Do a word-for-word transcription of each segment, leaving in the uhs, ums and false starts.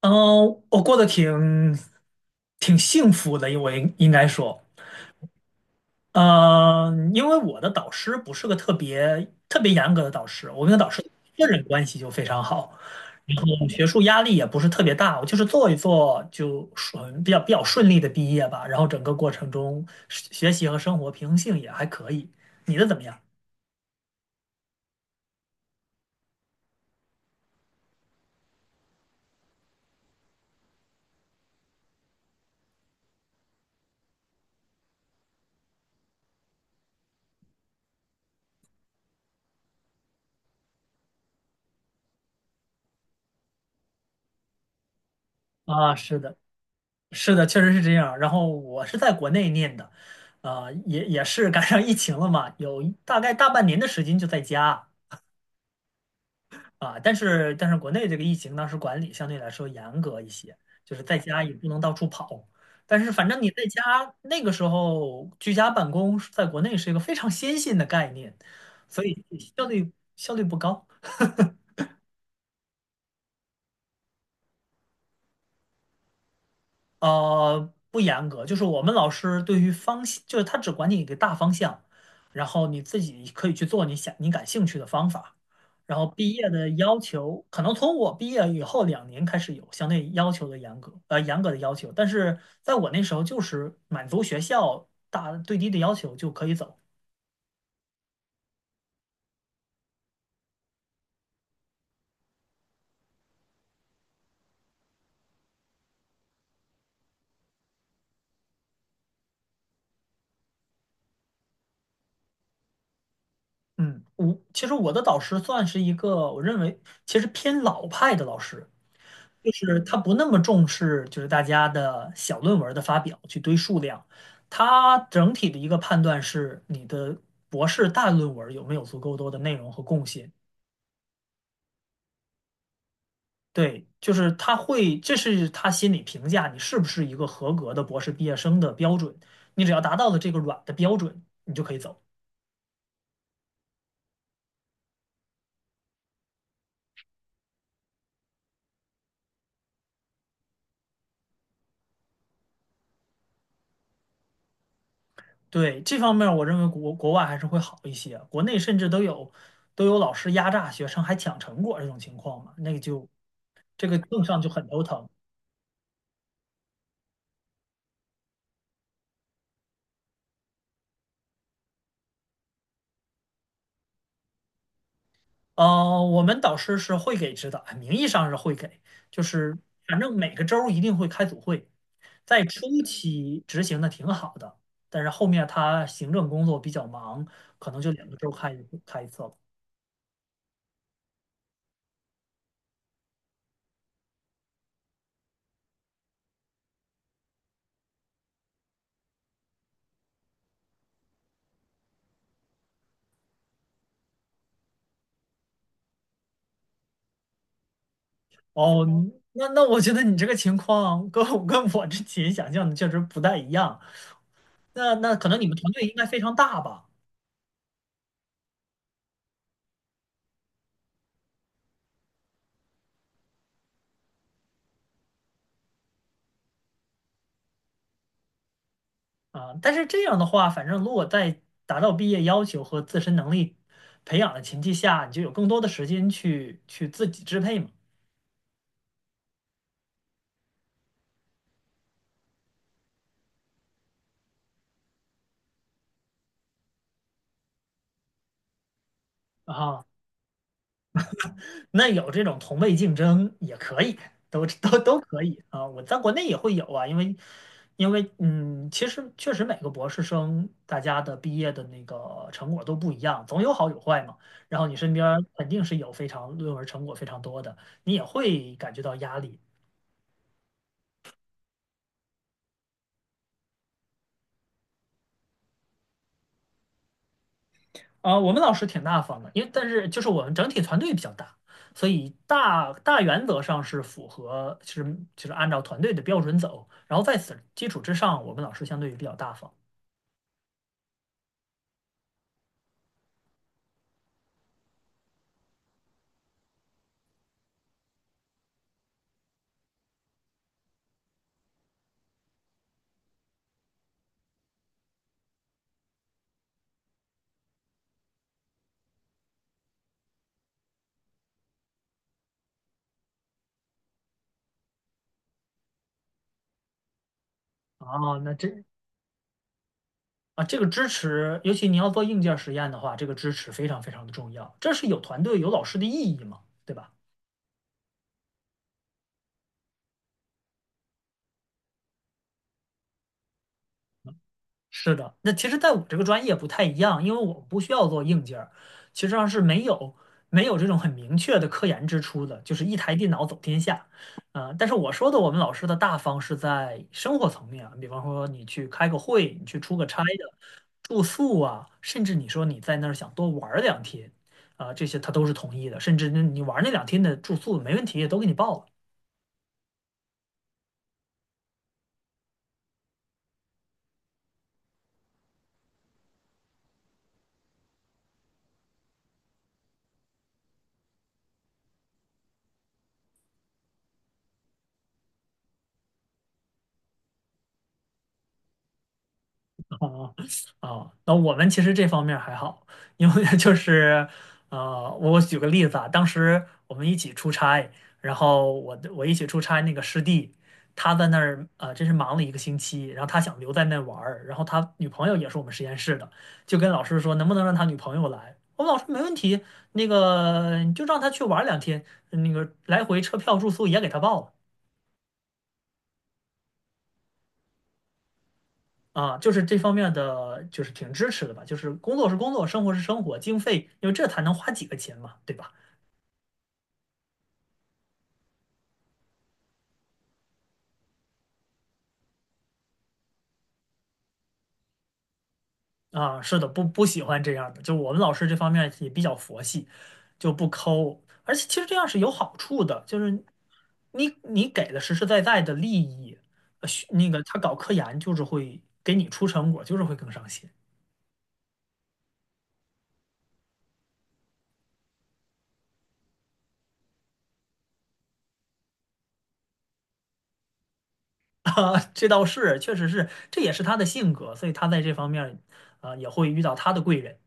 嗯，我过得挺挺幸福的，因为应该说，嗯，因为我的导师不是个特别特别严格的导师，我跟导师个人关系就非常好，然后学术压力也不是特别大，我就是做一做就顺比较比较顺利的毕业吧，然后整个过程中学学习和生活平衡性也还可以。你的怎么样？啊，是的。是的，确实是这样。然后我是在国内念的，啊、也也是赶上疫情了嘛，有一大概大半年的时间就在家。啊、但是但是国内这个疫情当时管理相对来说严格一些，就是在家也不能到处跑。但是反正你在家那个时候居家办公，在国内是一个非常先进的概念，所以效率效率不高。呃，不严格，就是我们老师对于方向，就是他只管你一个大方向，然后你自己可以去做你想你感兴趣的方法。然后毕业的要求，可能从我毕业以后两年开始有相对要求的严格，呃，严格的要求，但是在我那时候就是满足学校大最低的要求就可以走。嗯，我其实我的导师算是一个，我认为其实偏老派的老师，就是他不那么重视，就是大家的小论文的发表去堆数量，他整体的一个判断是你的博士大论文有没有足够多的内容和贡献。对，就是他会，这是他心里评价你是不是一个合格的博士毕业生的标准。你只要达到了这个软的标准，你就可以走。对，这方面儿我认为国国外还是会好一些，国内甚至都有都有老师压榨学生还抢成果这种情况嘛，那个就这个更上就很头疼。呃，我们导师是会给指导，名义上是会给，就是反正每个周儿一定会开组会，在初期执行的挺好的，但是后面他行政工作比较忙，可能就两个周儿开一开一次了。哦，那那我觉得你这个情况跟我跟我之前想象的确实不太一样。那那可能你们团队应该非常大吧？啊，但是这样的话，反正如果在达到毕业要求和自身能力培养的前提下，你就有更多的时间去去自己支配嘛。啊，那有这种同辈竞争也可以，都都都可以啊。我在国内也会有啊，因为因为嗯，其实确实每个博士生大家的毕业的那个成果都不一样，总有好有坏嘛。然后你身边儿肯定是有非常论文成果非常多的，你也会感觉到压力。啊、呃我们老师挺大方的，因为但是就是我们整体团队比较大，所以大大原则上是符合，就是就是按照团队的标准走。然后在此基础之上，我们老师相对于比较大方。啊，那这啊，这个支持，尤其你要做硬件实验的话，这个支持非常非常的重要，这是有团队有老师的意义嘛，对吧？是的，那其实在我这个专业不太一样，因为我不需要做硬件儿，其实上是没有没有这种很明确的科研支出的，就是一台电脑走天下。呃，但是我说的我们老师的大方是在生活层面啊，比方说你去开个会，你去出个差的住宿啊，甚至你说你在那儿想多玩儿两天，啊、这些他都是同意的，甚至你你玩儿那两天的住宿没问题，也都给你报了。哦哦，那我们其实这方面还好，因为 就是呃，我举个例子啊，当时我们一起出差，然后我的我一起出差那个师弟，他在那儿呃，真是忙了一个星期，然后他想留在那玩儿，然后他女朋友也是我们实验室的，就跟老师说能不能让他女朋友来，我们老师没问题，那个你就让他去玩儿两天，那个来回车票住宿也给他报了。啊，就是这方面的就是挺支持的吧，就是工作是工作，生活是生活，经费，因为这才能花几个钱嘛，对吧？啊，是的，不不喜欢这样的，就我们老师这方面也比较佛系，就不抠，而且其实这样是有好处的，就是你你给的实实在在的利益，呃学那个他搞科研就是会给你出成果，就是会更上心。 啊，这倒是，确实是，这也是他的性格，所以他在这方面，啊，也会遇到他的贵人。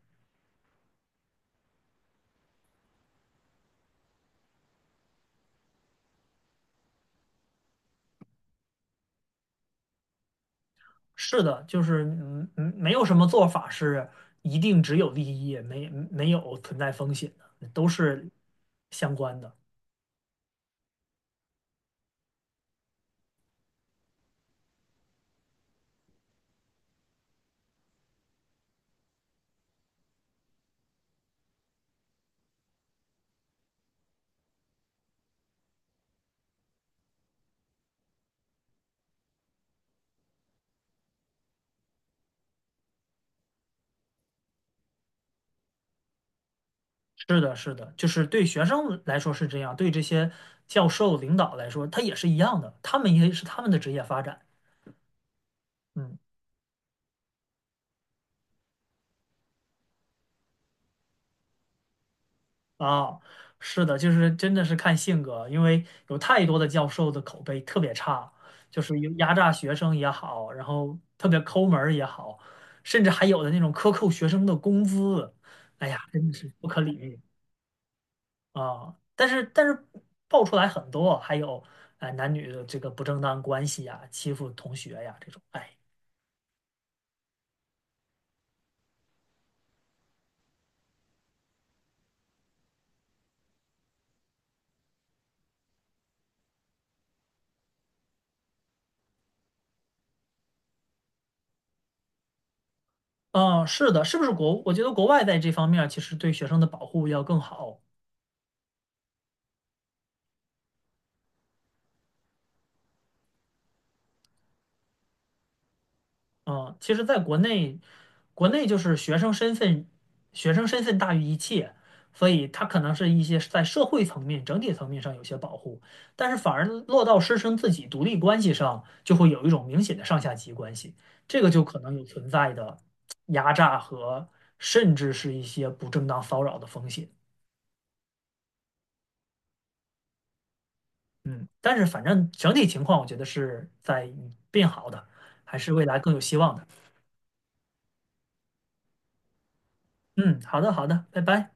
是的，就是嗯嗯，没有什么做法是一定只有利益，没没有存在风险的，都是相关的。是的，是的，就是对学生来说是这样，对这些教授领导来说，他也是一样的，他们也是他们的职业发展。嗯。啊，是的，就是真的是看性格，因为有太多的教授的口碑特别差，就是有压榨学生也好，然后特别抠门儿也好，甚至还有的那种克扣学生的工资，哎呀，真的是不可理喻啊！但是但是爆出来很多，还有哎男女的这个不正当关系呀、欺负同学呀、这种，哎，嗯，是的，是不是国？我觉得国外在这方面儿其实对学生的保护要更好。嗯，其实在国内，国内就是学生身份，学生身份大于一切，所以他可能是一些在社会层面、整体层面上有些保护，但是反而落到师生自己独立关系上，就会有一种明显的上下级关系，这个就可能有存在的压榨和甚至是一些不正当骚扰的风险。嗯，但是反正整体情况，我觉得是在变好的，还是未来更有希望的。嗯，好的，好的，拜拜。